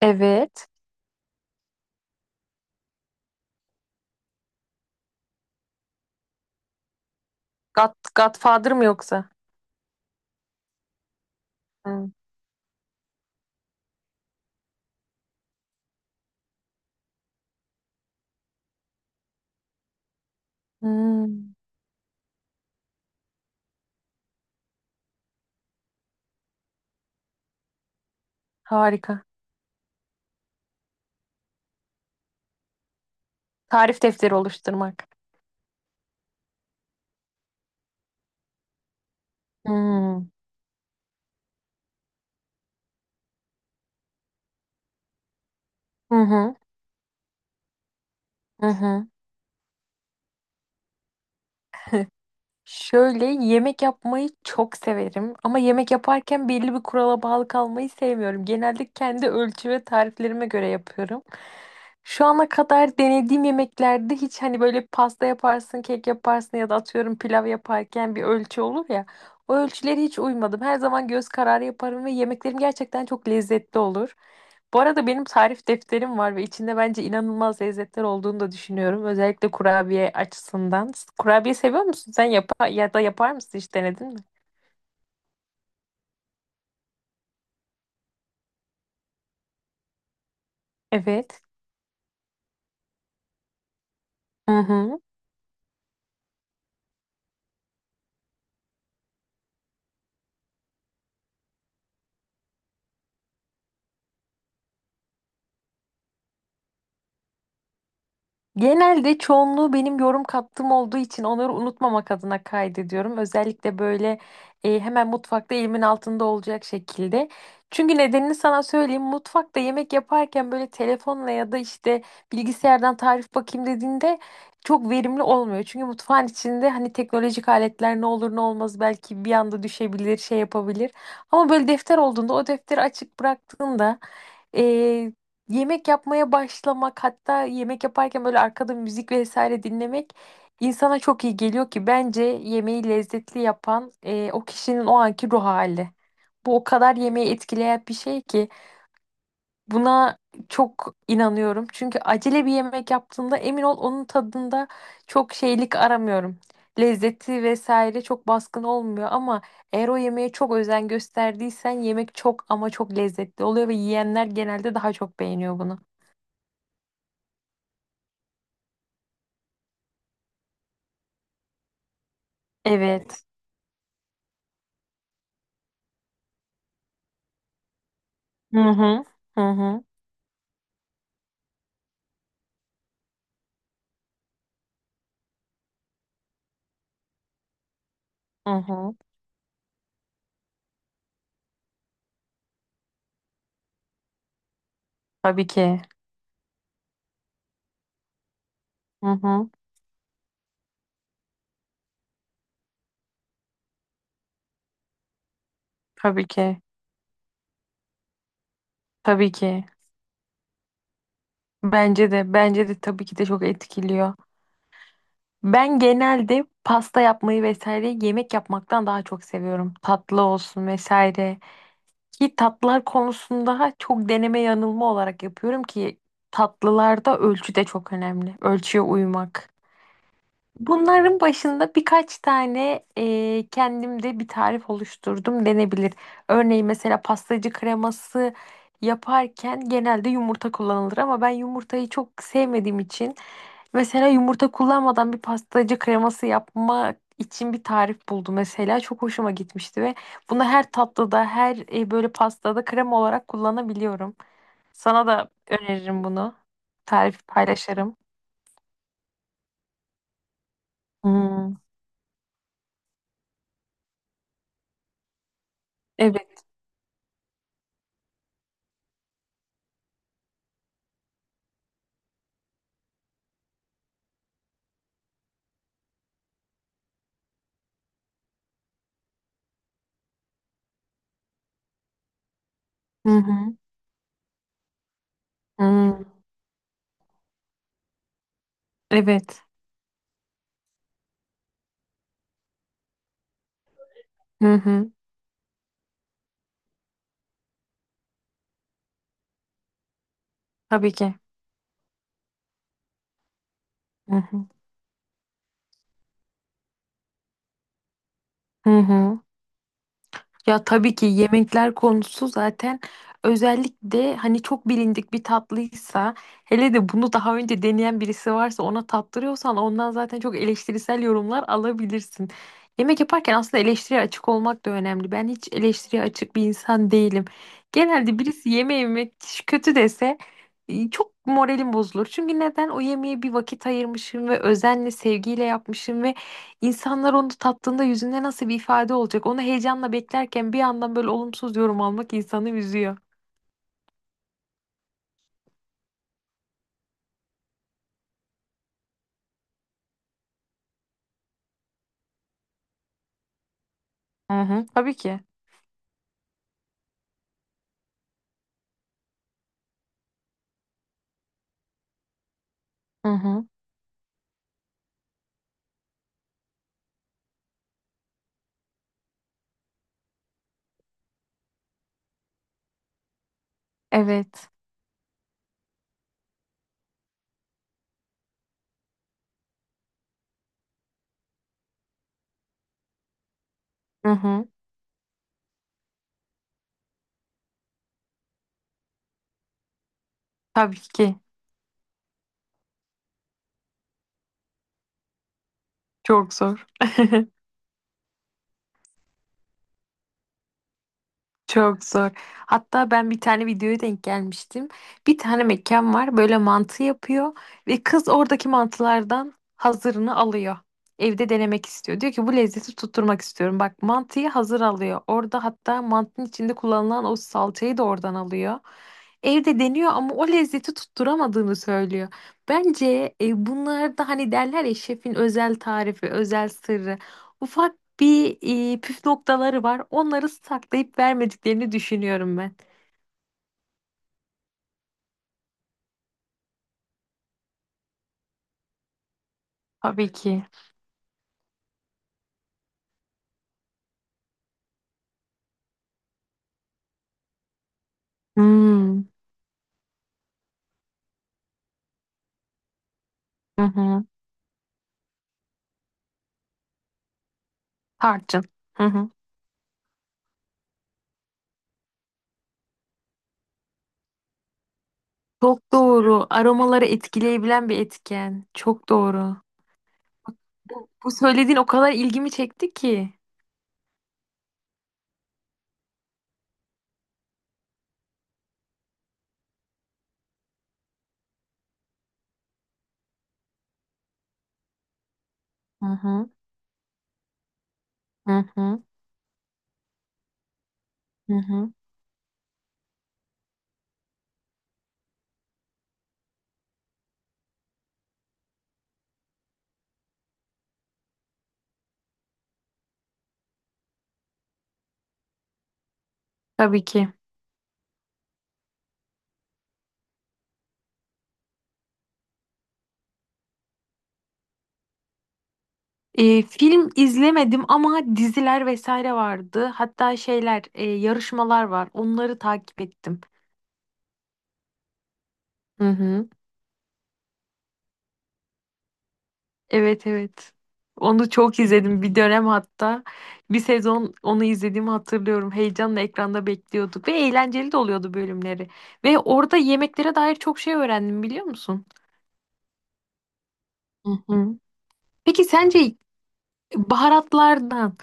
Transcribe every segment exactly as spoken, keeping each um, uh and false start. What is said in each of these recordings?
Evet. God, Godfather mı yoksa? Hmm. Hmm, harika. Tarif defteri oluşturmak. Hmm. Hı hı. Hı hı. Şöyle yemek yapmayı çok severim ama yemek yaparken belli bir kurala bağlı kalmayı sevmiyorum. Genelde kendi ölçü ve tariflerime göre yapıyorum. Şu ana kadar denediğim yemeklerde hiç hani böyle pasta yaparsın, kek yaparsın ya da atıyorum pilav yaparken bir ölçü olur ya. O ölçülere hiç uymadım. Her zaman göz kararı yaparım ve yemeklerim gerçekten çok lezzetli olur. Bu arada benim tarif defterim var ve içinde bence inanılmaz lezzetler olduğunu da düşünüyorum. Özellikle kurabiye açısından. Kurabiye seviyor musun? Sen yapa ya da yapar mısın? Hiç denedin mi? Evet. Hı hı. Genelde çoğunluğu benim yorum kattığım olduğu için onları unutmamak adına kaydediyorum. Özellikle böyle e, hemen mutfakta elimin altında olacak şekilde. Çünkü nedenini sana söyleyeyim. Mutfakta yemek yaparken böyle telefonla ya da işte bilgisayardan tarif bakayım dediğinde çok verimli olmuyor. Çünkü mutfağın içinde hani teknolojik aletler ne olur ne olmaz belki bir anda düşebilir, şey yapabilir. Ama böyle defter olduğunda o defteri açık bıraktığında ee, yemek yapmaya başlamak, hatta yemek yaparken böyle arkada müzik vesaire dinlemek insana çok iyi geliyor ki bence yemeği lezzetli yapan e, o kişinin o anki ruh hali. Bu o kadar yemeği etkileyen bir şey ki. Buna çok inanıyorum. Çünkü acele bir yemek yaptığımda emin ol onun tadında çok şeylik aramıyorum. Lezzeti vesaire çok baskın olmuyor, ama eğer o yemeğe çok özen gösterdiysen yemek çok ama çok lezzetli oluyor ve yiyenler genelde daha çok beğeniyor bunu. Evet. Hı hı. Hı hı. Hı hı. Tabii ki. Hı hı. Tabii ki. Tabii ki. Bence de bence de tabii ki de çok etkiliyor. Ben genelde pasta yapmayı vesaire yemek yapmaktan daha çok seviyorum. Tatlı olsun vesaire. Ki tatlılar konusunda çok deneme yanılma olarak yapıyorum ki tatlılarda ölçü de çok önemli. Ölçüye uymak. Bunların başında birkaç tane e, kendimde bir tarif oluşturdum denebilir. Örneğin mesela pastacı kreması yaparken genelde yumurta kullanılır ama ben yumurtayı çok sevmediğim için, mesela yumurta kullanmadan bir pastacı kreması yapmak için bir tarif buldu mesela. Çok hoşuma gitmişti ve bunu her tatlıda, her e, böyle pastada krem olarak kullanabiliyorum. Sana da öneririm bunu. Tarif paylaşırım. Hmm, evet. Hı hı. Hmm, evet. Hı hı. Tabii ki. Hı hı. Hı hı. Ya tabii ki yemekler konusu zaten, özellikle hani çok bilindik bir tatlıysa, hele de bunu daha önce deneyen birisi varsa ona tattırıyorsan, ondan zaten çok eleştirisel yorumlar alabilirsin. Yemek yaparken aslında eleştiriye açık olmak da önemli. Ben hiç eleştiriye açık bir insan değilim. Genelde birisi yemeği yemek kötü dese e, çok moralim bozulur. Çünkü neden? O yemeğe bir vakit ayırmışım ve özenle, sevgiyle yapmışım ve İnsanlar onu tattığında yüzünde nasıl bir ifade olacak? Onu heyecanla beklerken bir yandan böyle olumsuz yorum almak insanı üzüyor. Hı hı, tabii ki. Hı hı, evet. Hı hı, tabii ki. Çok zor. Çok zor. Hatta ben bir tane videoya denk gelmiştim. Bir tane mekan var, böyle mantı yapıyor ve kız oradaki mantılardan hazırını alıyor. Evde denemek istiyor. Diyor ki, bu lezzeti tutturmak istiyorum. Bak, mantıyı hazır alıyor. Orada hatta mantının içinde kullanılan o salçayı da oradan alıyor. Evde deniyor ama o lezzeti tutturamadığını söylüyor. Bence e, bunlar da hani derler ya, şefin özel tarifi, özel sırrı. Ufak bir e, püf noktaları var. Onları saklayıp vermediklerini düşünüyorum ben. Tabii ki. Hmm. Hı hı. Tarçın. Hı hı. Çok doğru. Aromaları etkileyebilen bir etken. Çok doğru. Bu, bu söylediğin o kadar ilgimi çekti ki. Hı hı. Hı hı. Hı hı. Tabii ki. E, film izlemedim ama diziler vesaire vardı. Hatta şeyler, e, yarışmalar var. Onları takip ettim. Hı hı. Evet, evet. Onu çok izledim bir dönem hatta. Bir sezon onu izlediğimi hatırlıyorum. Heyecanla ekranda bekliyorduk ve eğlenceli de oluyordu bölümleri. Ve orada yemeklere dair çok şey öğrendim, biliyor musun? Hı hı. Peki sence baharatlardan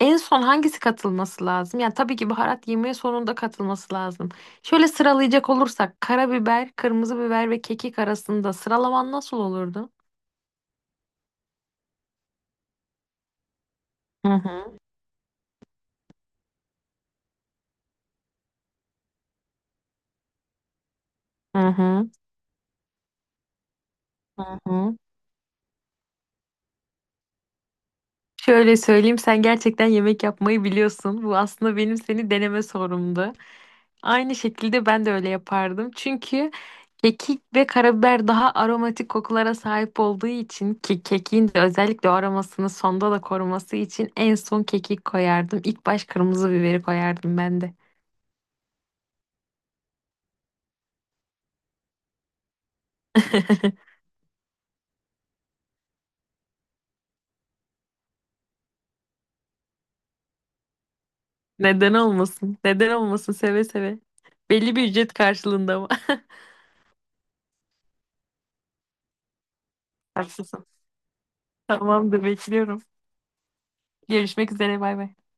en son hangisi katılması lazım? Yani tabii ki baharat yemeğe sonunda katılması lazım. Şöyle sıralayacak olursak, karabiber, kırmızı biber ve kekik arasında sıralaman nasıl olurdu? Hı hı. Hı hı. Hı hı. Şöyle söyleyeyim, sen gerçekten yemek yapmayı biliyorsun. Bu aslında benim seni deneme sorumdu. Aynı şekilde ben de öyle yapardım. Çünkü kekik ve karabiber daha aromatik kokulara sahip olduğu için, ki kekiğin de özellikle o aromasını sonda da koruması için en son kekik koyardım. İlk baş kırmızı biberi koyardım ben de. Neden olmasın? Neden olmasın? Seve seve. Belli bir ücret karşılığında ama. Haklısın. Tamamdır, bekliyorum. Görüşmek üzere, bay bay.